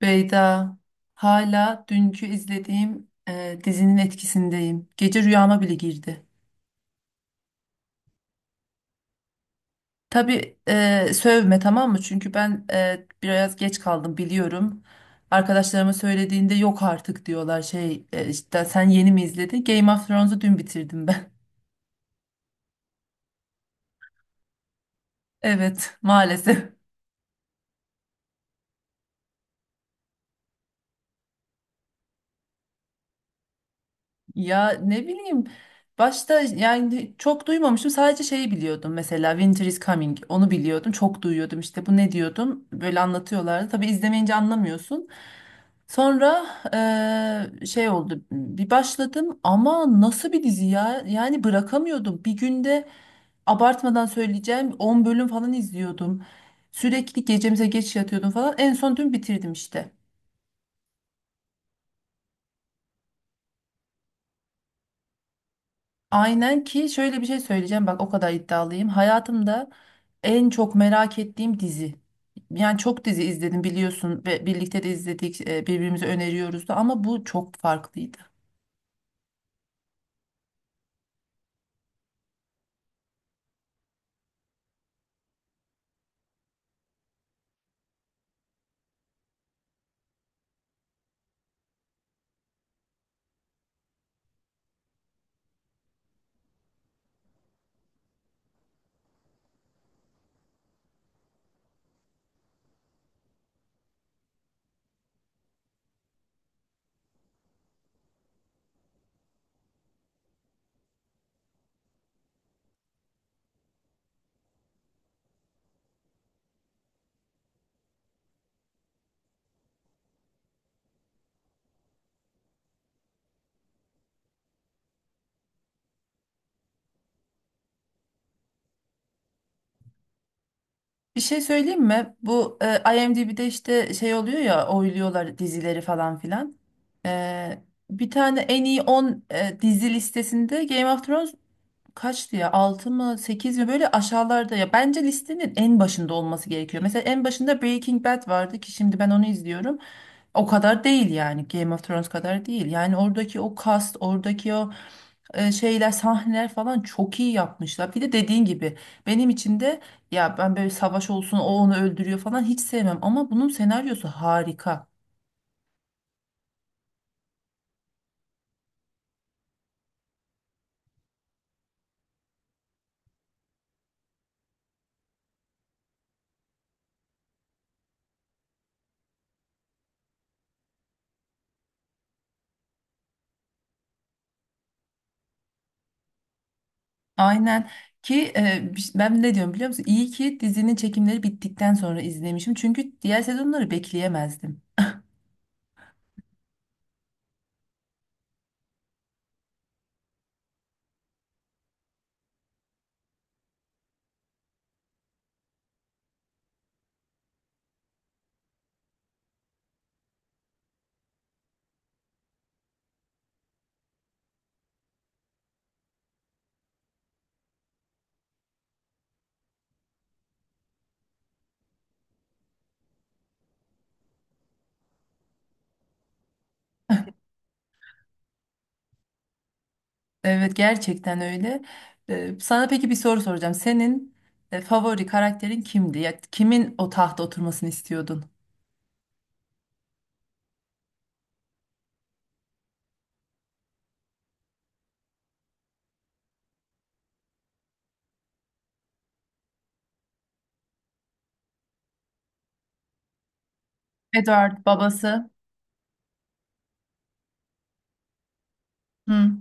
Beyda, hala dünkü izlediğim dizinin etkisindeyim. Gece rüyama bile girdi. Tabii sövme, tamam mı? Çünkü ben biraz geç kaldım, biliyorum. Arkadaşlarıma söylediğinde yok artık diyorlar, şey işte sen yeni mi izledin? Game of Thrones'u dün bitirdim ben. Evet, maalesef. Ya ne bileyim, başta yani çok duymamıştım, sadece şeyi biliyordum, mesela Winter is Coming, onu biliyordum, çok duyuyordum işte, bu ne diyordum böyle anlatıyorlardı. Tabii izlemeyince anlamıyorsun. Sonra şey oldu, bir başladım ama nasıl bir dizi ya, yani bırakamıyordum. Bir günde, abartmadan söyleyeceğim, 10 bölüm falan izliyordum, sürekli gecemize geç yatıyordum falan, en son dün bitirdim işte. Aynen. Ki şöyle bir şey söyleyeceğim, bak o kadar iddialıyım. Hayatımda en çok merak ettiğim dizi. Yani çok dizi izledim biliyorsun ve birlikte de izledik, birbirimize öneriyoruz da, ama bu çok farklıydı. Bir şey söyleyeyim mi? Bu IMDb'de işte şey oluyor ya, oyluyorlar dizileri falan filan. E, Bir tane en iyi 10 dizi listesinde Game of Thrones kaçtı ya, 6 mı 8 mi, böyle aşağılarda ya. Bence listenin en başında olması gerekiyor. Mesela en başında Breaking Bad vardı ki şimdi ben onu izliyorum. O kadar değil yani, Game of Thrones kadar değil. Yani oradaki o cast, oradaki o şeyler, sahneler falan çok iyi yapmışlar. Bir de dediğin gibi benim için de, ya ben böyle savaş olsun, o onu öldürüyor falan hiç sevmem ama bunun senaryosu harika. Aynen. Ki ben ne diyorum biliyor musun? İyi ki dizinin çekimleri bittikten sonra izlemişim. Çünkü diğer sezonları bekleyemezdim. Evet, gerçekten öyle. Sana peki bir soru soracağım. Senin favori karakterin kimdi? Ya, kimin o tahta oturmasını istiyordun? Edward babası. Hı.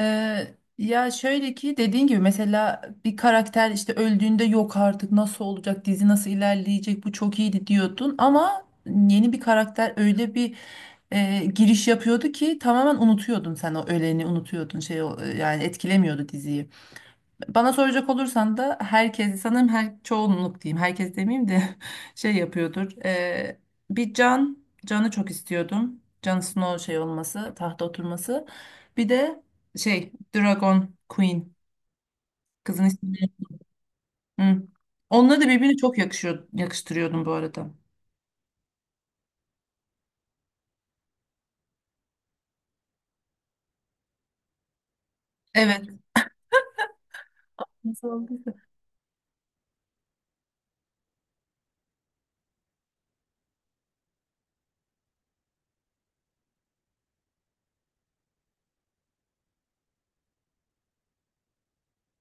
Ee, Ya şöyle ki dediğin gibi, mesela bir karakter işte öldüğünde, yok artık nasıl olacak dizi, nasıl ilerleyecek, bu çok iyiydi diyordun ama yeni bir karakter öyle bir giriş yapıyordu ki tamamen unutuyordun, sen o öleni unutuyordun, yani etkilemiyordu diziyi. Bana soracak olursan da, herkes sanırım, her çoğunluk diyeyim, herkes demeyeyim de şey yapıyordur. Bir Can'ı çok istiyordum. Jon Snow şey olması, tahta oturması. Bir de şey, Dragon Queen, kızın ismi. Hı. Onları da birbirine çok yakışıyor, yakıştırıyordum bu arada. Evet. Nasıl oldu?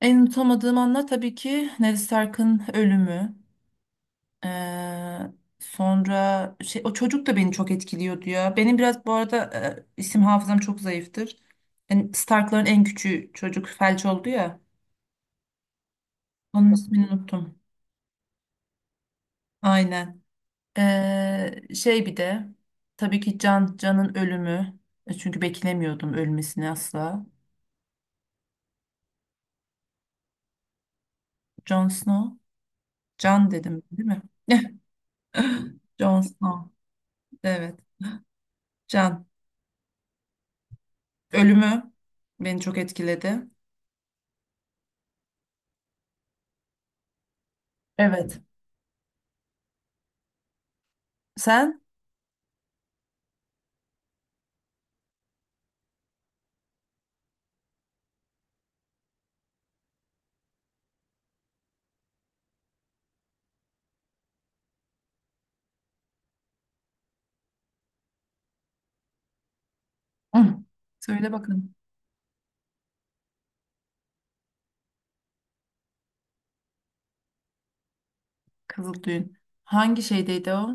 En unutamadığım anlar tabii ki Ned Stark'ın ölümü. Eee, Sonra şey, o çocuk da beni çok etkiliyordu ya. Benim biraz bu arada isim hafızam çok zayıftır. Yani Stark'ların en küçüğü çocuk felç oldu ya. Onun ismini unuttum. Aynen. Şey bir de tabii ki Can'ın ölümü. Çünkü beklemiyordum ölmesini asla. Jon Snow. Can dedim değil mi? Jon Snow. Evet. Can. Ölümü beni çok etkiledi. Evet. Sen? Hı. Söyle bakalım. Kızıldüğün. Hangi şeydeydi o?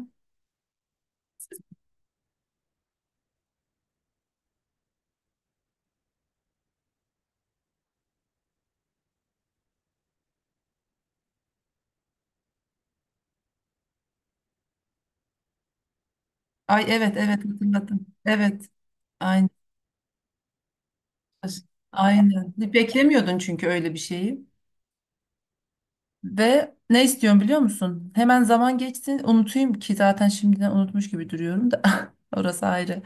Ay evet, evet, hatırladım. Evet. Aynen. Aynen. Beklemiyordun çünkü öyle bir şeyi. Ve ne istiyorum biliyor musun? Hemen zaman geçsin, unutayım, ki zaten şimdiden unutmuş gibi duruyorum da orası ayrı.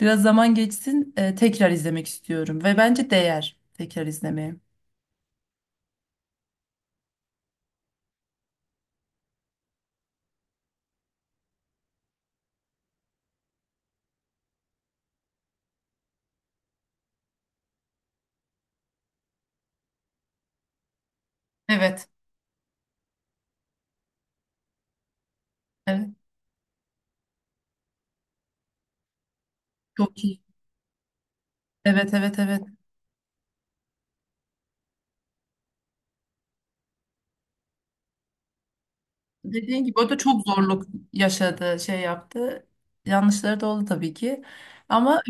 Biraz zaman geçsin, tekrar izlemek istiyorum ve bence değer tekrar izlemeye. Evet. Evet. Çok iyi. Evet, evet, evet. Dediğin gibi o da çok zorluk yaşadı, şey yaptı. Yanlışları da oldu tabii ki. Ama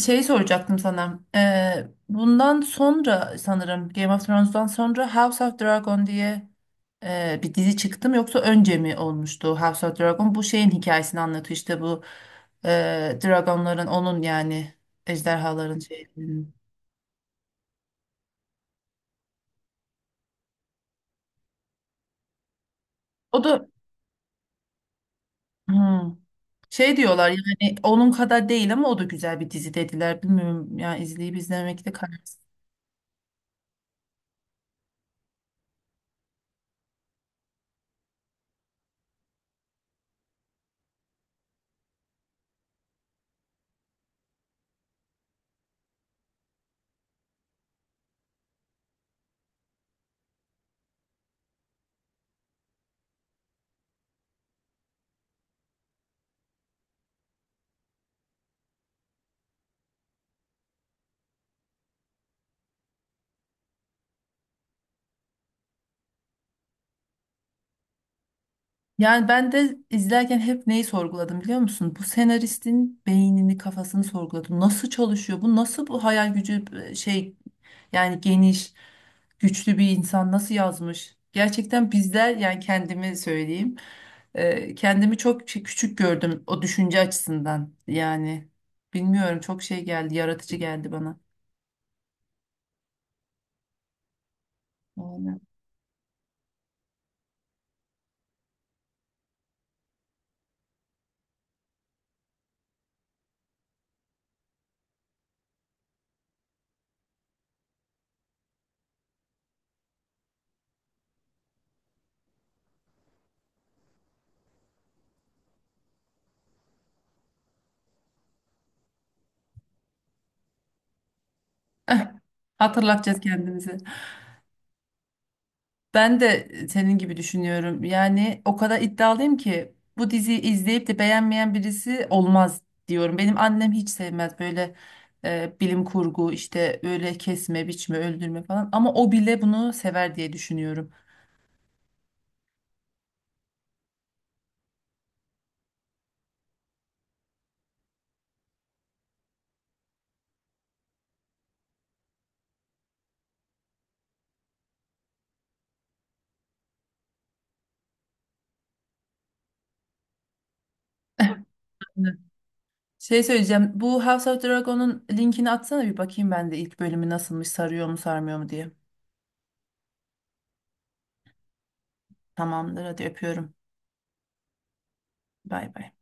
şey soracaktım sana. Bundan sonra, sanırım Game of Thrones'dan sonra House of Dragon diye bir dizi çıktı mı, yoksa önce mi olmuştu House of Dragon? Bu şeyin hikayesini anlatıyor işte, bu dragonların, onun yani ejderhaların şeyinin. O da hmm, şey diyorlar, yani onun kadar değil ama o da güzel bir dizi dediler. Bilmiyorum yani, izleyip izlemekte karar. Yani ben de izlerken hep neyi sorguladım biliyor musun? Bu senaristin beynini, kafasını sorguladım. Nasıl çalışıyor? Bu nasıl bu hayal gücü, şey yani geniş, güçlü bir insan nasıl yazmış? Gerçekten bizler, yani kendimi söyleyeyim. Kendimi çok küçük gördüm o düşünce açısından. Yani bilmiyorum, çok şey geldi, yaratıcı geldi bana. Aynen. Hatırlatacağız kendimizi. Ben de senin gibi düşünüyorum. Yani o kadar iddialıyım ki bu diziyi izleyip de beğenmeyen birisi olmaz diyorum. Benim annem hiç sevmez böyle bilim kurgu işte, öyle kesme, biçme, öldürme falan, ama o bile bunu sever diye düşünüyorum. Şey söyleyeceğim. Bu House of Dragon'un linkini atsana, bir bakayım ben de ilk bölümü nasılmış, sarıyor mu, sarmıyor mu diye. Tamamdır, hadi öpüyorum. Bay bay.